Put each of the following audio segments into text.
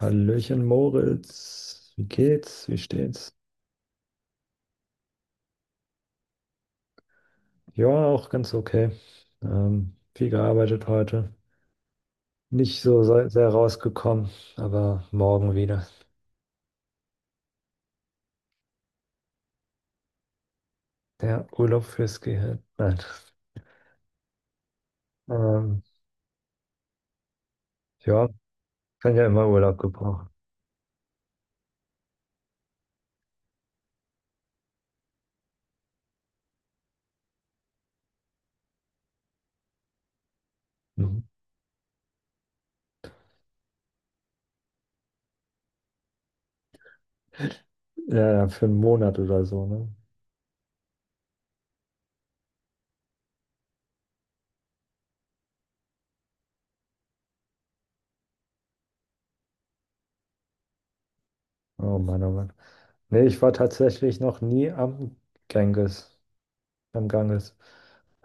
Hallöchen Moritz, wie geht's? Wie steht's? Ja, auch ganz okay. Viel gearbeitet heute. Nicht so sehr rausgekommen, aber morgen wieder. Der Urlaub fürs Gehirn. Nein. Ähm, ja, kann ja immer Urlaub gebrauchen. Mhm. Ja, ja, für einen Monat oder so, ne? Oh Mann, oh Mann. Nee, ich war tatsächlich noch nie am Ganges. Am Ganges.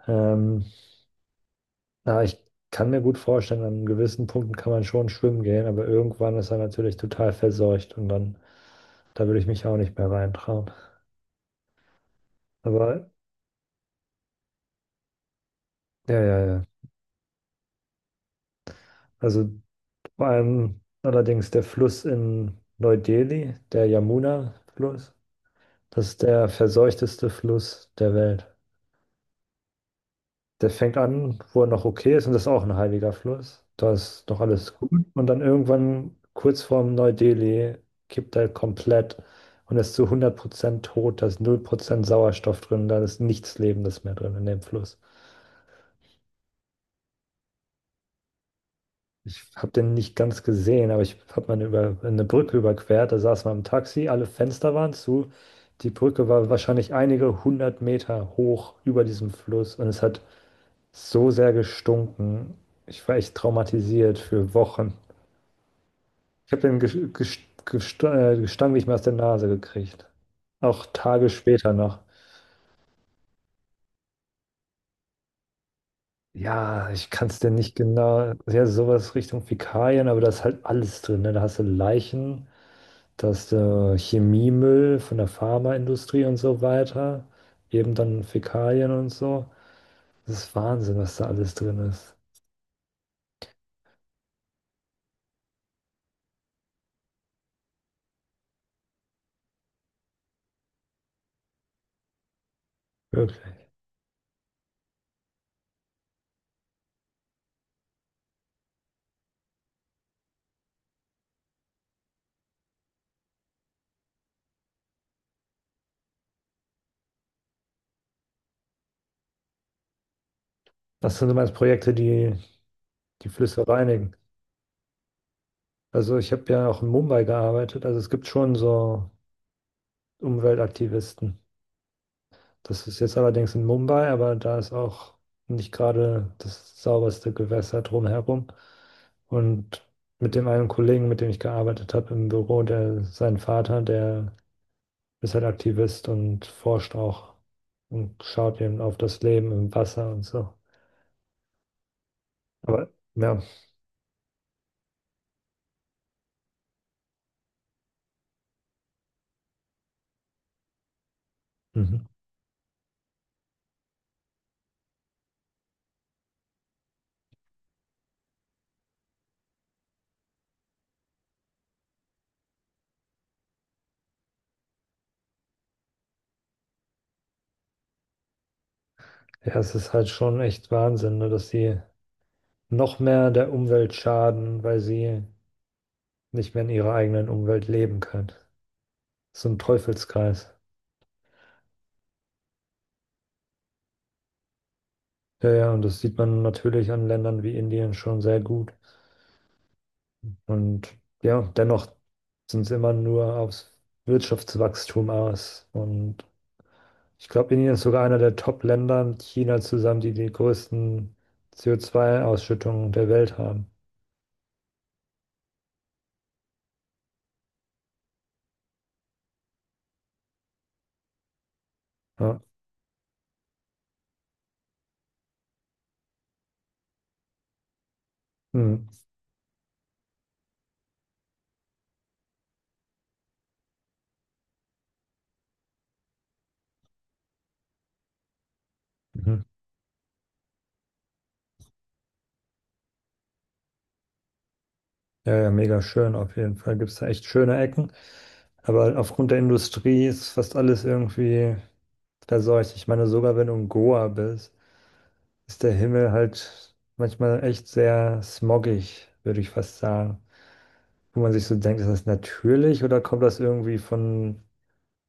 Ähm, Na, ich kann mir gut vorstellen, an gewissen Punkten kann man schon schwimmen gehen, aber irgendwann ist er natürlich total verseucht und dann, da würde ich mich auch nicht mehr reintrauen. Aber ja, ja, ja. Also vor allem allerdings der Fluss in Neu-Delhi, der Yamuna-Fluss, das ist der verseuchteste Fluss der Welt. Der fängt an, wo er noch okay ist, und das ist auch ein heiliger Fluss. Da ist noch alles gut. Und dann irgendwann, kurz vorm Neu-Delhi, kippt er komplett und ist zu 100% tot. Da ist null Prozent Sauerstoff drin. Da ist nichts Lebendes mehr drin in dem Fluss. Ich habe den nicht ganz gesehen, aber ich habe mal eine, über, eine Brücke überquert. Da saß man im Taxi, alle Fenster waren zu. Die Brücke war wahrscheinlich einige hundert Meter hoch über diesem Fluss und es hat so sehr gestunken. Ich war echt traumatisiert für Wochen. Ich habe den Gestank nicht mehr aus der Nase gekriegt. Auch Tage später noch. Ja, ich kann es dir nicht genau. Ja, sowas Richtung Fäkalien, aber da ist halt alles drin. Ne? Da hast du Leichen, da hast du Chemiemüll von der Pharmaindustrie und so weiter. Eben dann Fäkalien und so. Das ist Wahnsinn, was da alles drin ist. Wirklich. Das sind so meine Projekte, die Flüsse reinigen. Also ich habe ja auch in Mumbai gearbeitet, also es gibt schon so Umweltaktivisten. Das ist jetzt allerdings in Mumbai, aber da ist auch nicht gerade das sauberste Gewässer drumherum. Und mit dem einen Kollegen, mit dem ich gearbeitet habe im Büro, der sein Vater, der ist halt Aktivist und forscht auch und schaut eben auf das Leben im Wasser und so. Aber ja, mhm. Ja, es ist halt schon echt Wahnsinn, ne, dass sie noch mehr der Umwelt schaden, weil sie nicht mehr in ihrer eigenen Umwelt leben können. So ein Teufelskreis. Ja, ja, und das sieht man natürlich an Ländern wie Indien schon sehr gut. Und ja, dennoch sind sie immer nur aufs Wirtschaftswachstum aus. Und ich glaube, Indien ist sogar einer der Top-Länder mit China zusammen, die die größten CO2-Ausschüttungen der Welt haben. Ja, hm, mhm. Ja, ja, mega schön. Auf jeden Fall gibt es da echt schöne Ecken. Aber aufgrund der Industrie ist fast alles irgendwie versorgt. Ich meine, sogar wenn du in Goa bist, ist der Himmel halt manchmal echt sehr smoggig, würde ich fast sagen. Wo man sich so denkt, ist das natürlich oder kommt das irgendwie von ein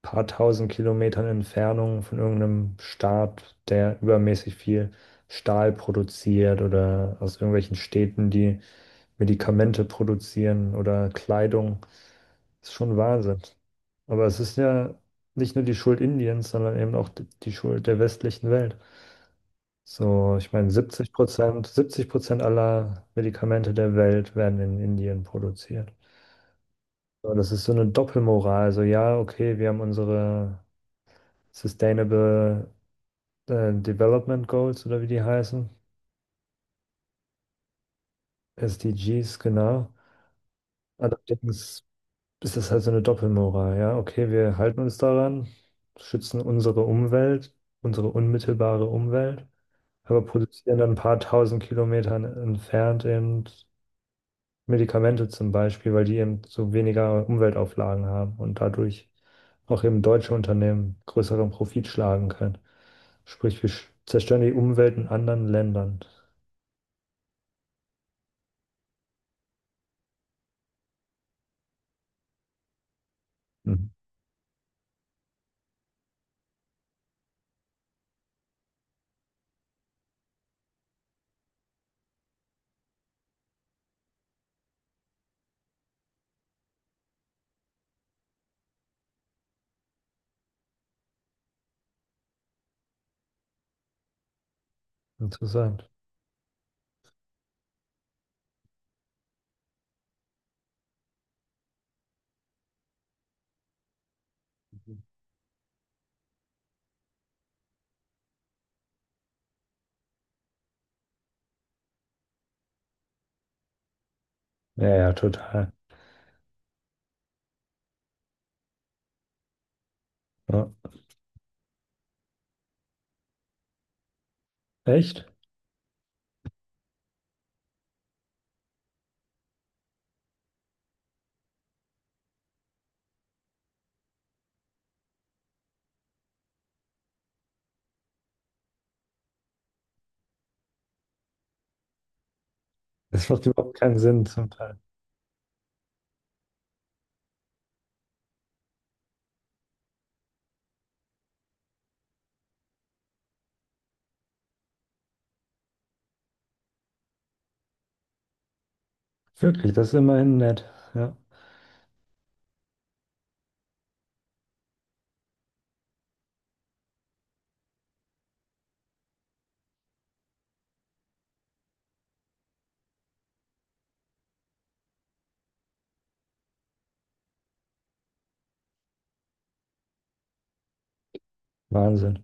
paar tausend Kilometern Entfernung von irgendeinem Staat, der übermäßig viel Stahl produziert oder aus irgendwelchen Städten, die Medikamente produzieren oder Kleidung? Ist schon Wahnsinn. Aber es ist ja nicht nur die Schuld Indiens, sondern eben auch die Schuld der westlichen Welt. So, ich meine, 70%, 70% aller Medikamente der Welt werden in Indien produziert. So, das ist so eine Doppelmoral. So, ja, okay, wir haben unsere Sustainable Development Goals oder wie die heißen, SDGs, genau. Allerdings ist das halt so eine Doppelmoral. Ja, okay, wir halten uns daran, schützen unsere Umwelt, unsere unmittelbare Umwelt, aber produzieren dann ein paar tausend Kilometern entfernt eben Medikamente zum Beispiel, weil die eben so weniger Umweltauflagen haben und dadurch auch eben deutsche Unternehmen größeren Profit schlagen können. Sprich, wir zerstören die Umwelt in anderen Ländern. Mhm. Interessant. Ja, ja, total. Ja. Echt? Das macht überhaupt keinen Sinn zum Teil. Wirklich, das ist immerhin nett. Ja, Wahnsinn.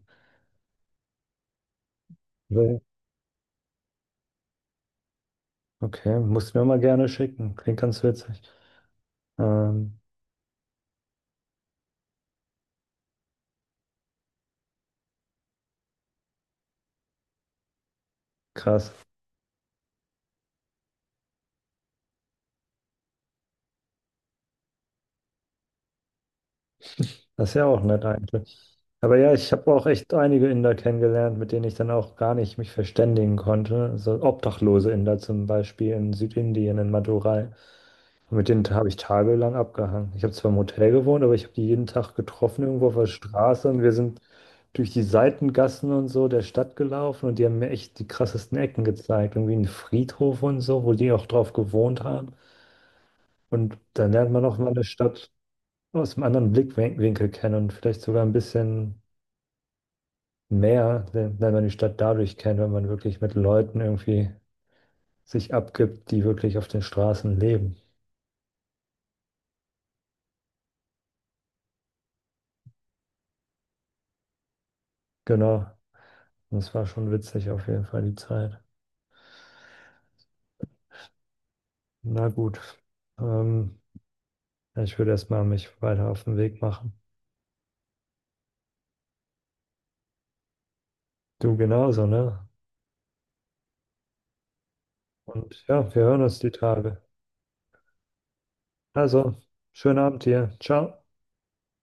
Okay, musst du mir mal gerne schicken. Klingt ganz witzig. Ähm, krass. Das ist ja auch nett eigentlich. Aber ja, ich habe auch echt einige Inder kennengelernt, mit denen ich dann auch gar nicht mich verständigen konnte. So obdachlose Inder zum Beispiel in Südindien, in Madurai. Und mit denen habe ich tagelang abgehangen. Ich habe zwar im Hotel gewohnt, aber ich habe die jeden Tag getroffen irgendwo auf der Straße und wir sind durch die Seitengassen und so der Stadt gelaufen und die haben mir echt die krassesten Ecken gezeigt. Irgendwie einen Friedhof und so, wo die auch drauf gewohnt haben. Und dann lernt man auch mal eine Stadt aus einem anderen Blickwinkel kennen und vielleicht sogar ein bisschen mehr, wenn, man die Stadt dadurch kennt, wenn man wirklich mit Leuten irgendwie sich abgibt, die wirklich auf den Straßen leben. Genau. Und es war schon witzig auf jeden Fall die Zeit. Na gut. Ähm, ich würde erstmal mich weiter auf den Weg machen. Du genauso, ne? Und ja, wir hören uns die Tage. Also, schönen Abend dir. Ciao.